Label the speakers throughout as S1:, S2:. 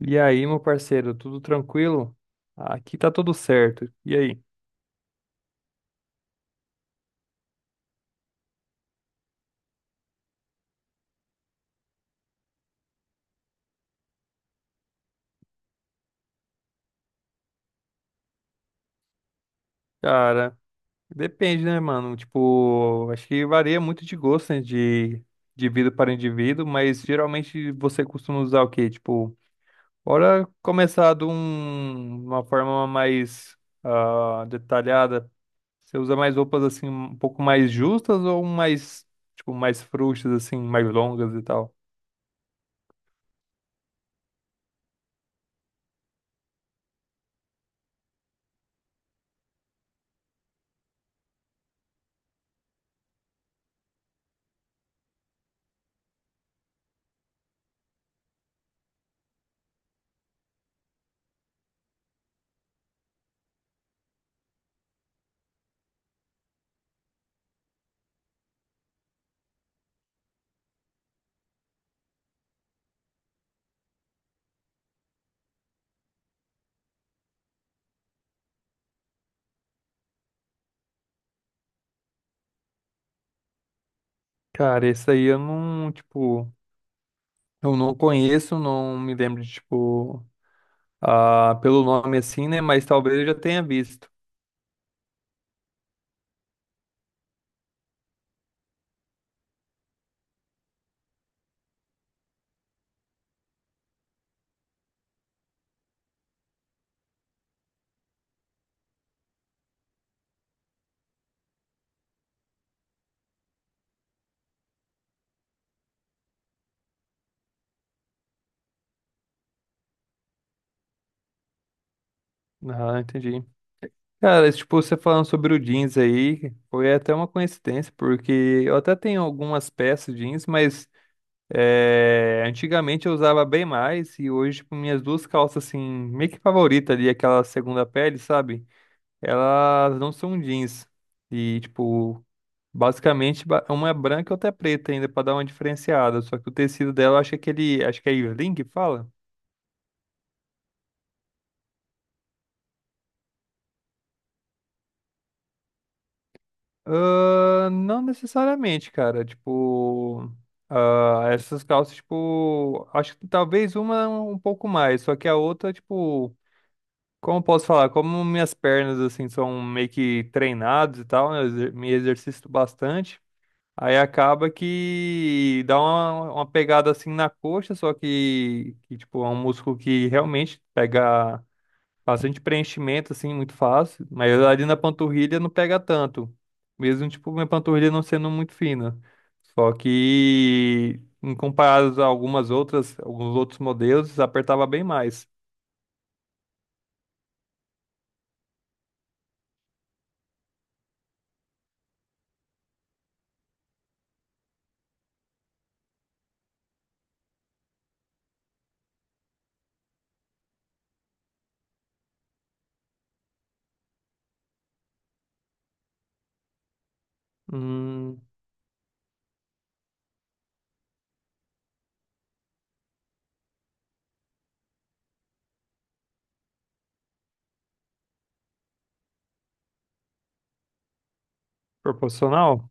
S1: E aí, meu parceiro, tudo tranquilo? Aqui tá tudo certo. E aí? Cara, depende, né, mano? Tipo, acho que varia muito de gosto, né, de indivíduo para indivíduo, mas geralmente você costuma usar o quê? Tipo, bora começar de uma forma mais detalhada. Você usa mais roupas, assim, um pouco mais justas ou mais, tipo, mais frouxas, assim, mais longas e tal? Cara, esse aí eu não, tipo, eu não conheço, não me lembro de, tipo, pelo nome assim, né? Mas talvez eu já tenha visto. Ah, entendi. Cara, esse, tipo, você falando sobre o jeans aí, foi até uma coincidência, porque eu até tenho algumas peças jeans, mas antigamente eu usava bem mais, e hoje, tipo, minhas duas calças, assim, meio que favorita ali, aquela segunda pele, sabe? Elas não são jeans. E, tipo, basicamente, uma é branca e outra é preta ainda, pra dar uma diferenciada. Só que o tecido dela, eu acho que é aquele. Acho que é Irling que fala? Ah, não necessariamente, cara. Tipo, essas calças, tipo, acho que talvez uma um pouco mais, só que a outra, tipo, como eu posso falar? Como minhas pernas, assim, são meio que treinadas e tal, né, eu me exercito bastante. Aí acaba que dá uma pegada assim na coxa, só que, tipo, é um músculo que realmente pega bastante preenchimento, assim, muito fácil. Mas ali na panturrilha não pega tanto. Mesmo, tipo, minha panturrilha não sendo muito fina. Só que, em comparado a algumas outras, alguns outros modelos, apertava bem mais. Hum, Proporcional?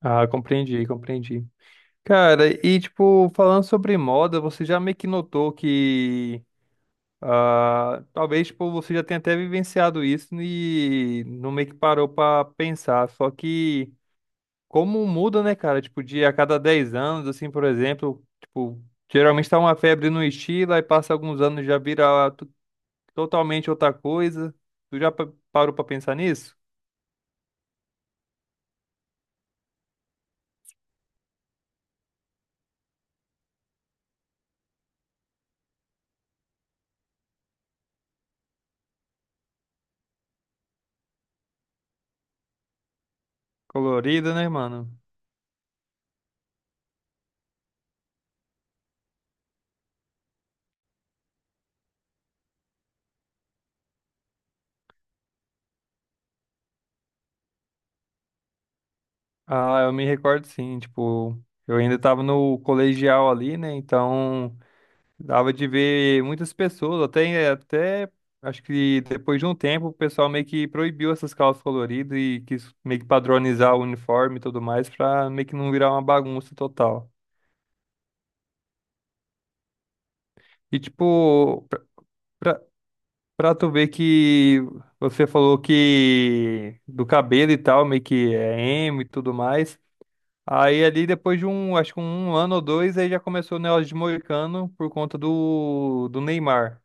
S1: Ah, compreendi, compreendi. Cara, e, tipo, falando sobre moda, você já meio que notou que talvez tipo, você já tenha até vivenciado isso e não meio que parou pra pensar. Só que como muda, né, cara? Tipo, de a cada 10 anos, assim, por exemplo, tipo, geralmente tá uma febre no estilo, aí passa alguns anos já vira totalmente outra coisa. Tu já parou pra pensar nisso? Colorida, né, mano? Ah, eu me recordo sim, tipo, eu ainda tava no colegial ali, né? Então. Dava de ver muitas pessoas, até acho que depois de um tempo o pessoal meio que proibiu essas calças coloridas e quis meio que padronizar o uniforme e tudo mais pra meio que não virar uma bagunça total. E tipo, pra, pra tu ver que você falou que do cabelo e tal, meio que é emo e tudo mais. Aí ali depois de um, acho que um ano ou dois, aí já começou o negócio de moicano por conta do Neymar.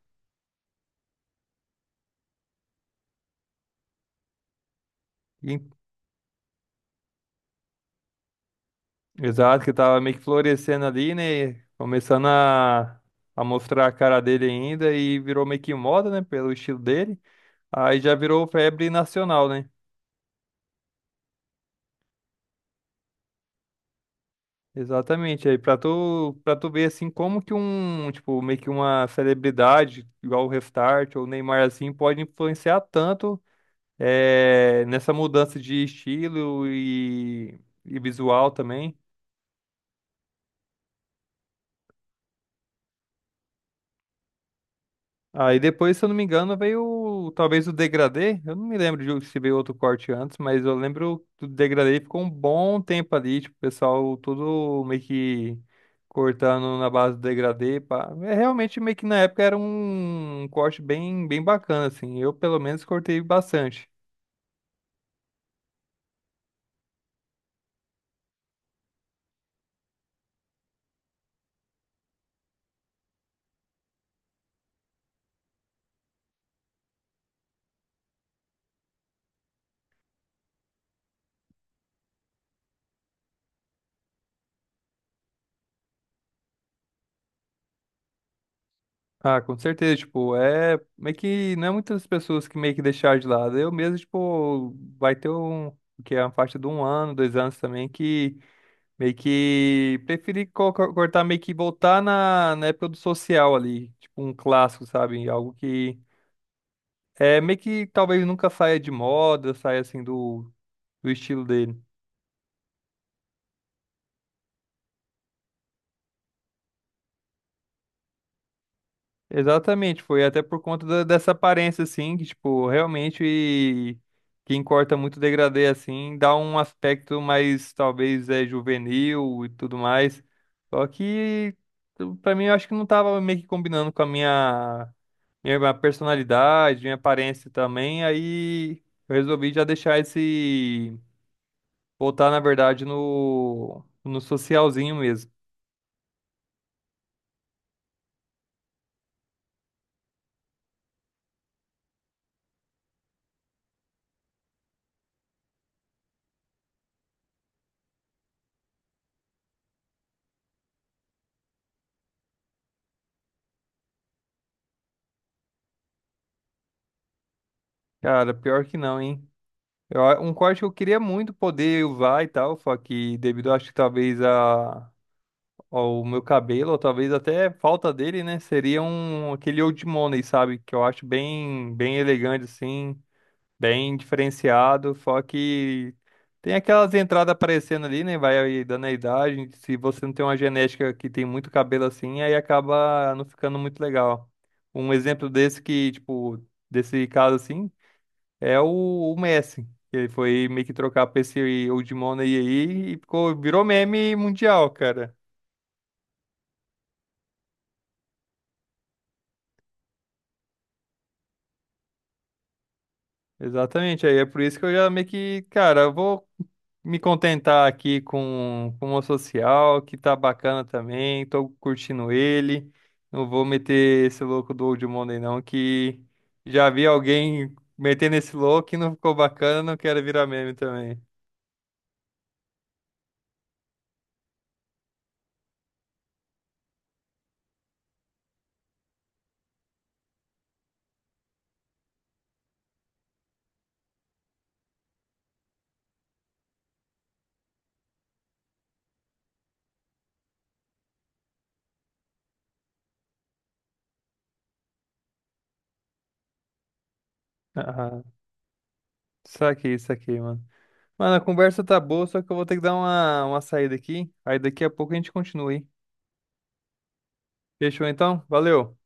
S1: Exato, que tava meio que florescendo ali, né? Começando a mostrar a cara dele ainda e virou meio que moda, né? Pelo estilo dele. Aí já virou febre nacional, né? Exatamente. Aí pra tu ver assim como que um, tipo, meio que uma celebridade, igual o Restart ou o Neymar assim, pode influenciar tanto nessa mudança de estilo e visual também. Aí depois, se eu não me engano, veio talvez o degradê. Eu não me lembro de se veio outro corte antes, mas eu lembro do degradê e ficou um bom tempo ali, tipo, o pessoal tudo meio que cortando na base do degradê, pá. É realmente meio que na época era um corte bem bem bacana assim. Eu pelo menos cortei bastante. Ah, com certeza, tipo, é meio que não é muitas pessoas que meio que deixaram de lado. Eu mesmo, tipo, vai ter um que é uma faixa de um ano, 2 anos também que meio que preferi cortar, meio que voltar na época do social ali, tipo um clássico, sabe? Algo que é meio que talvez nunca saia de moda, saia assim do estilo dele. Exatamente, foi até por conta dessa aparência, assim, que, tipo, realmente quem corta muito degradê, assim, dá um aspecto mais, talvez, é juvenil e tudo mais. Só que, pra mim, eu acho que não tava meio que combinando com a minha personalidade, minha aparência também, aí eu resolvi já deixar esse, voltar, na verdade, no socialzinho mesmo. Cara, pior que não, hein? Eu um corte que eu queria muito poder usar e tal, só que devido, acho que talvez ao meu cabelo, ou talvez até falta dele, né? Seria um, aquele Old Money, sabe? Que eu acho bem, bem elegante, assim, bem diferenciado, só que tem aquelas entradas aparecendo ali, né? Vai aí dando a idade, se você não tem uma genética que tem muito cabelo assim, aí acaba não ficando muito legal. Um exemplo desse que, tipo, desse caso assim, é o Messi. Ele foi meio que trocar pra esse Old Money aí e ficou, virou meme mundial, cara. Exatamente, aí é por isso que eu já meio que, cara, eu vou me contentar aqui com o meu social, que tá bacana também, tô curtindo ele. Não vou meter esse louco do Old Money não, que já vi alguém metendo esse louco e não ficou bacana, não quero virar meme também. Ah, isso aqui, mano. Mano, a conversa tá boa, só que eu vou ter que dar uma saída aqui. Aí daqui a pouco a gente continua, hein? Fechou então? Valeu!